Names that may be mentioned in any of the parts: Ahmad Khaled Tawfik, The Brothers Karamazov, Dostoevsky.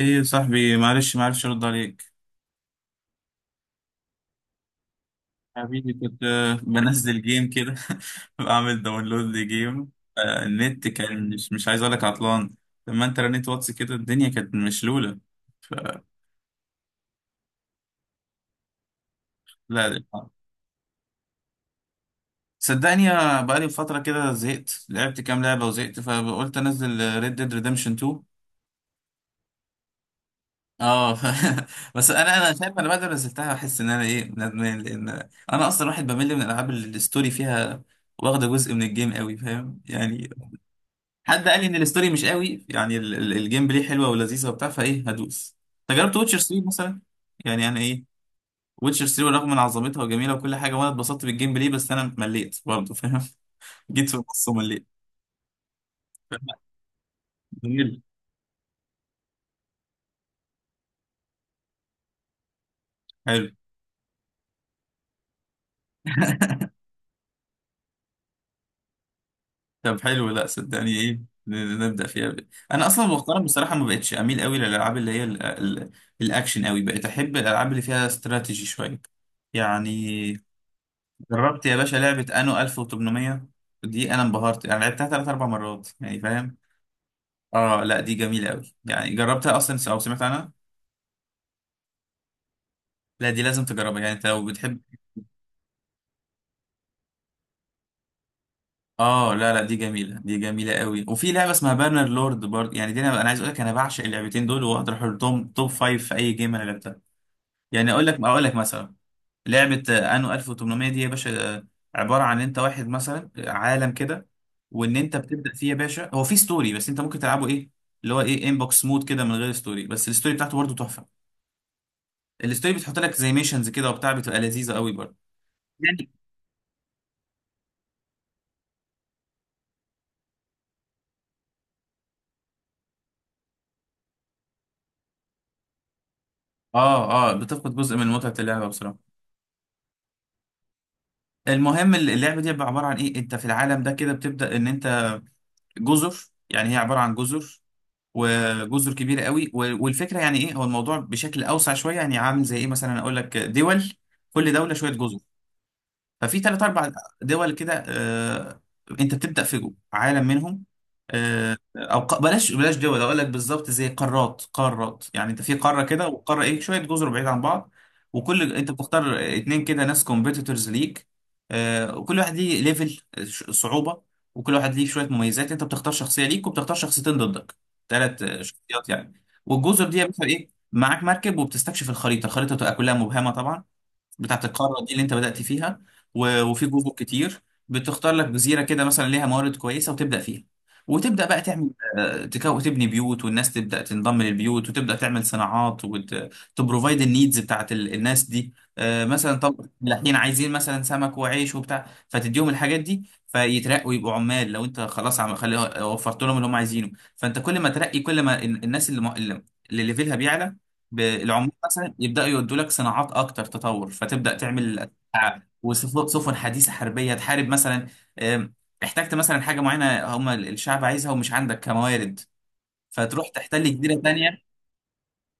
ايه يا صاحبي، معلش معرفش ارد عليك. حبيبي كنت بنزل جيم كده. بعمل داونلود لجيم. النت كان مش عايز اقول لك عطلان. لما انت رنيت واتس كده الدنيا كانت مشلولة. ف لا صدقني بقالي فترة كده زهقت، لعبت كام لعبة وزهقت، فقلت انزل ريد ديد ريدمشن 2. اه. بس انا شايف انا بعد ما نزلتها بحس ان انا ايه ندمان، لان انا اصلا واحد بمل من الالعاب اللي الستوري فيها واخده جزء من الجيم قوي، فاهم يعني. حد قال لي ان الستوري مش قوي، يعني الجيم بلاي حلوه ولذيذه وبتاع، فايه هدوس. انت جربت ويتشر 3 مثلا؟ يعني انا ايه، ويتشر 3 رغم من عظمتها وجميله وكل حاجه، وانا اتبسطت بالجيم بلاي بس انا مليت برضه فاهم. جيت في النص ومليت. جميل. حلو. طب حلو، لا صدقني ايه، نبدا فيها. انا اصلا مؤخرا بصراحه ما بقتش اميل قوي للالعاب اللي هي الاكشن قوي. بقيت احب الالعاب اللي فيها استراتيجي شويه يعني. جربت يا باشا لعبة انو 1800؟ دي انا انبهرت، انا لعبتها ثلاث اربع مرات يعني فاهم. اه لا دي جميلة قوي، يعني جربتها اصلا او سمعت عنها؟ لا دي لازم تجربها يعني انت لو بتحب. اه لا لا، دي جميلة، دي جميلة قوي. وفي لعبة اسمها بانر لورد برضه، يعني دي انا عايز اقول لك انا بعشق اللعبتين دول، واقدر احطهم توب فايف في اي جيم انا لعبتها. يعني اقول لك، اقول لك مثلا لعبة انو 1800 دي يا باشا، عبارة عن انت واحد مثلا عالم كده، وان انت بتبدأ فيه يا باشا. هو في ستوري بس انت ممكن تلعبه ايه اللي هو ايه انبوكس مود كده من غير ستوري، بس الستوري بتاعته برضه تحفة. الستوري بتحط لك زي ميشنز كده وبتاع، بتبقى لذيذة قوي برضه يعني. اه اه، بتفقد جزء من متعة اللعبة بصراحة. المهم اللعبة دي عبارة عن ايه، انت في العالم ده كده بتبدأ ان انت جزر، يعني هي عبارة عن جزر، وجزر كبيره قوي. والفكره يعني ايه، هو الموضوع بشكل اوسع شويه يعني عامل زي ايه مثلا، اقول لك دول كل دوله شويه جزر. ففي ثلاث اربع دول كده انت بتبدا في عالم منهم. بلاش بلاش دول، اقول لك بالظبط زي قارات. قارات يعني انت في قاره كده، وقاره ايه شويه جزر بعيد عن بعض. وكل انت بتختار اتنين كده ناس كومبيتيتورز ليك، وكل واحد ليه ليفل صعوبه، وكل واحد ليه شويه مميزات. انت بتختار شخصيه ليك وبتختار شخصيتين ضدك، ثلاث شخصيات يعني. والجزر دي يا باشا ايه معاك مركب وبتستكشف الخريطه، الخريطه تبقى كلها مبهمه طبعا، بتاعت القارة دي اللي انت بدأت فيها. وفي جزر كتير، بتختار لك جزيرة كده مثلا ليها موارد كويسة وتبدأ فيها. وتبدأ بقى تعمل آه، تكو تبني بيوت، والناس تبدأ تنضم للبيوت، وتبدأ تعمل صناعات، وتبروفايد النيدز بتاعت الناس دي. مثلا طب الفلاحين عايزين مثلا سمك وعيش وبتاع، فتديهم الحاجات دي فيترقوا يبقوا عمال. لو انت خلاص خلي وفرت لهم اللي هم عايزينه، فانت كل ما ترقي كل ما الناس اللي ليفلها بيعلى بالعمال مثلا، يبداوا يودوا لك صناعات اكتر تطور، فتبدا تعمل أسلحة وسفن، سفن حديثه حربيه تحارب مثلا. آم، احتجت مثلا حاجه معينه هم الشعب عايزها ومش عندك كموارد، فتروح تحتل جزيره تانية.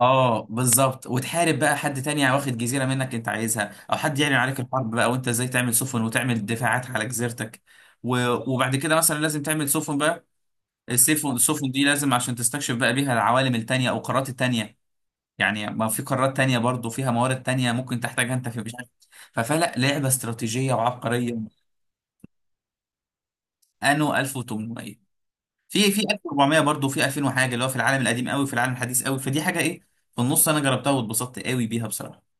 اه بالظبط، وتحارب بقى حد تاني واخد جزيره منك انت عايزها، او حد يعلن عليك الحرب بقى، وانت ازاي تعمل سفن وتعمل دفاعات على جزيرتك. وبعد كده مثلا لازم تعمل سفن بقى. السفن، السفن دي لازم عشان تستكشف بقى بيها العوالم التانية او القارات التانية. يعني ما في قارات تانية برضو فيها موارد تانية ممكن تحتاجها انت، في مش عارف. ففلا لعبة استراتيجية وعبقرية. انو 1800، في 1400 برضو، في 2000 وحاجة، اللي هو في العالم القديم قوي، في العالم الحديث قوي، فدي حاجة ايه في النص. انا جربتها واتبسطت قوي بيها بصراحة.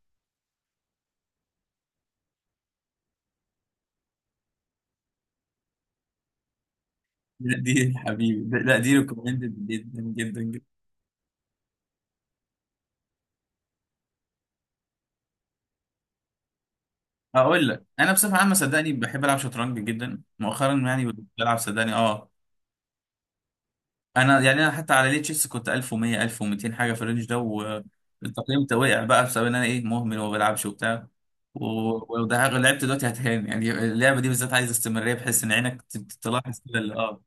لا دي حبيبي لا دي ريكومندد جدا جدا جدا. هقول لك، انا بصفة عامة صدقني بحب العب شطرنج جدا مؤخرا يعني، بلعب صدقني اه. انا يعني انا حتى على ليه تشيس كنت 1100 1200 حاجه في الرينج ده والتقييم ده، وقع بقى بسبب ان انا ايه مهمل وما بلعبش وبتاع. ولو ده لعبت دلوقتي هتهان، يعني اللعبه دي بالذات عايزه استمراريه بحيث ان عينك تلاحظ كده اه.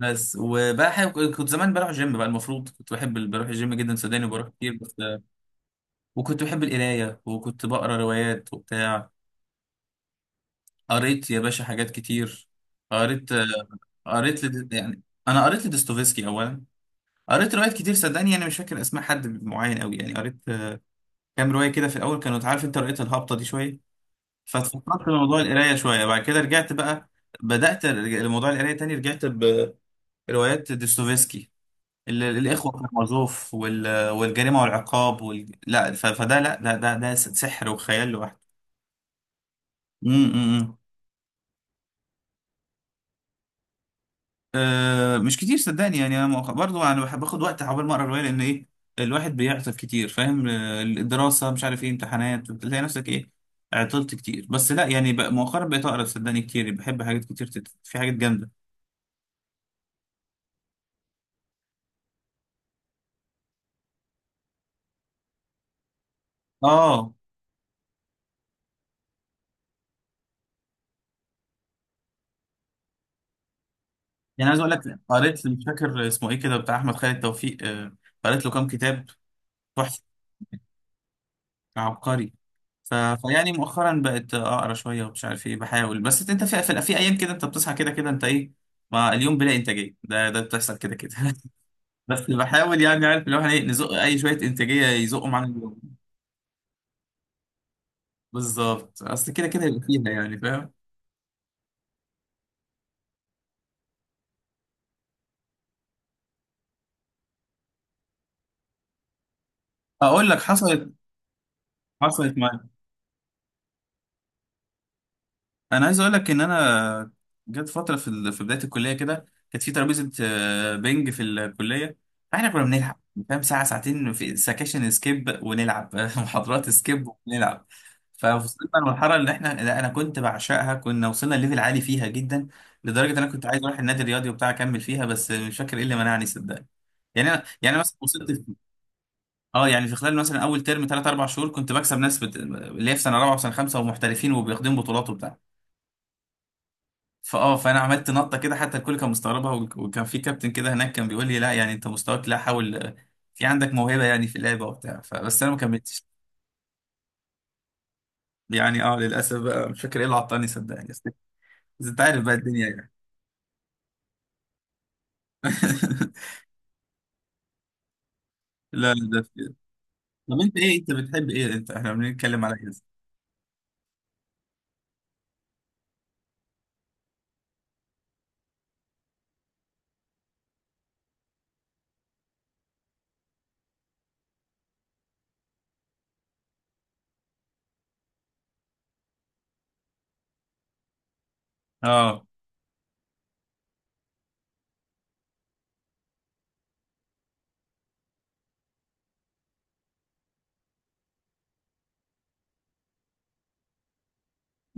بس وبقى حاجة كنت زمان بروح جيم بقى المفروض، كنت بحب بروح الجيم جدا صدقني وبروح كتير بس. وكنت بحب القرايه وكنت بقرا روايات وبتاع. قريت يا باشا حاجات كتير. قريت، يعني انا قريت لدوستويفسكي اولا. قريت روايات كتير صدقني، انا مش فاكر اسماء حد معين قوي يعني. قريت كام روايه كده في الاول كانوا عارف انت رؤيه الهابطه دي شويه، فاتفكرت في موضوع القرايه شويه. بعد كده رجعت بقى، بدات ارجع لموضوع القرايه تاني. رجعت بروايات دوستويفسكي، الاخوه كارامازوف، والجريمه والعقاب، لا فده، لا ده ده ده سحر وخيال لوحده. امم امم، امم. أه مش كتير صدقني يعني. انا برضو انا بحب اخد وقت عقبال ما اقرا روايه، لان ايه الواحد بيعطل كتير فاهم. الدراسه مش عارف ايه امتحانات، بتلاقي نفسك ايه عطلت كتير. بس لا يعني بقى مؤخرا بقيت اقرا صدقني كتير، بحب حاجات كتير في حاجات جامده. اه يعني عايز اقول لك قريت مش فاكر اسمه ايه كده، بتاع احمد خالد توفيق، قريت له كام كتاب. تحفه. عبقري. فيعني مؤخرا بقت اقرا شويه ومش عارف ايه، بحاول. بس انت في ايام كده انت بتصحى كده كده انت ايه، ما اليوم بلا انتاجيه، ده ده بتحصل كده كده. بس بحاول، يعني عارف اللي هو احنا ايه نزق اي شويه انتاجيه يزقوا معانا اليوم. بالظبط، اصل كده كده يبقى فيها يعني فاهم. اقول لك حصلت، حصلت. انا عايز اقول لك ان انا جت فتره في في بدايه الكليه كده، كانت في ترابيزه بينج في الكليه، فاحنا كنا بنلعب فاهم ساعه ساعتين. في سكاشن سكيب ونلعب، محاضرات سكيب ونلعب. فوصلنا للمرحله اللي احنا، لا انا كنت بعشقها، كنا وصلنا ليفل عالي فيها جدا، لدرجه ان انا كنت عايز اروح النادي الرياضي وبتاع اكمل فيها، بس مش فاكر ايه اللي منعني صدقني. يعني انا يعني مثلا وصلت في اه، يعني في خلال مثلا اول ترم ثلاث اربع شهور كنت بكسب ناس اللي هي في سنه رابعه وسنه خمسه ومحترفين وبيخدموا بطولات وبتاع. فانا عملت نطه كده حتى الكل كان مستغربها، وكان في كابتن كده هناك كان بيقول لي لا، يعني انت مستواك لا حاول، في عندك موهبه يعني في اللعبه وبتاع، فبس انا ما كملتش. يعني اه للاسف بقى مش فاكر ايه اللي عطاني صدقني، بس بس انت عارف بقى الدنيا يعني. لا لا طب انت ايه، انت بتحب ايه، انت احنا بنتكلم على ايه؟ اه.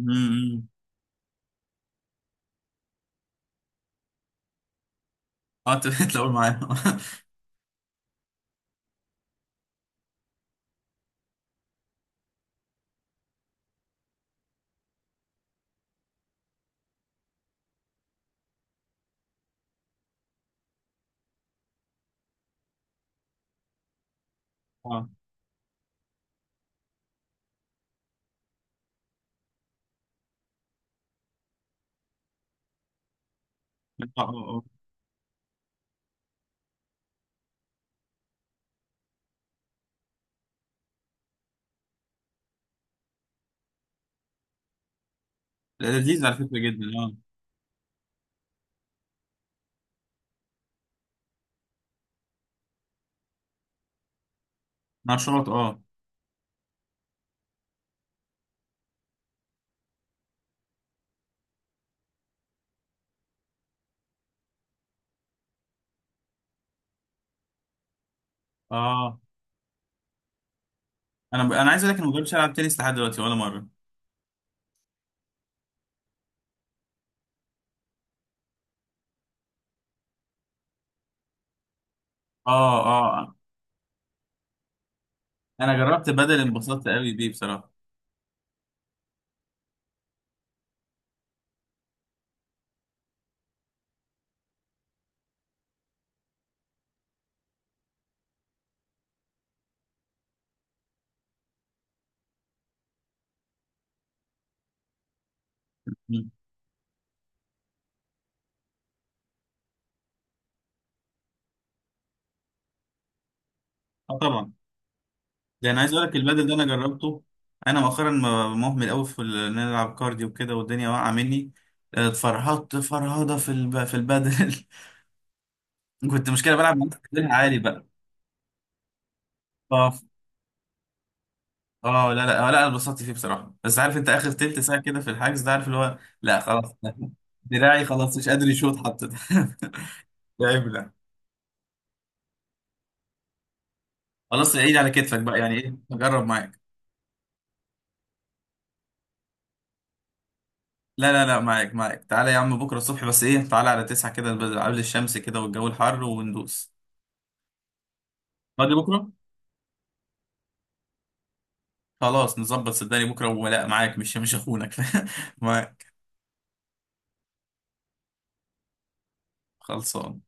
امم. اه انت بتلاقوا معايا. اه اه اه آه. لا، لذيذ على فكره جدا اه. نشاط اه. اه انا انا عايز اقول لك انا ما جربتش العب تنس لحد دلوقتي ولا مره. اه اه، انا جربت بدل انبسطت قوي بيه بصراحه. مم. اه طبعا. لان عايز اقول لك البدل ده انا جربته، انا مؤخرا مهمل قوي في ان انا العب كارديو وكده، والدنيا واقعه مني. اتفرهدت فرهده في في البدل. كنت مشكله بلعب مع ناس كتير عالي بقى. اه اه، لا لا لا انا اتبسطت فيه بصراحه، بس عارف انت اخر تلت ساعه كده في الحجز ده، عارف اللي هو لا خلاص. دراعي خلاص مش قادر يشوط حتى. ده عيب، لا. خلاص عيد على كتفك بقى، يعني ايه جرب معايا. لا لا لا، معاك معاك، تعالى يا عم بكرة الصبح بس ايه، تعالى على تسعة كده، قبل الشمس كده والجو الحر وندوس. فاضي بكرة. خلاص نظبط صدقني بكرة، ولا معاك مش اخونك. معاك. خلصان.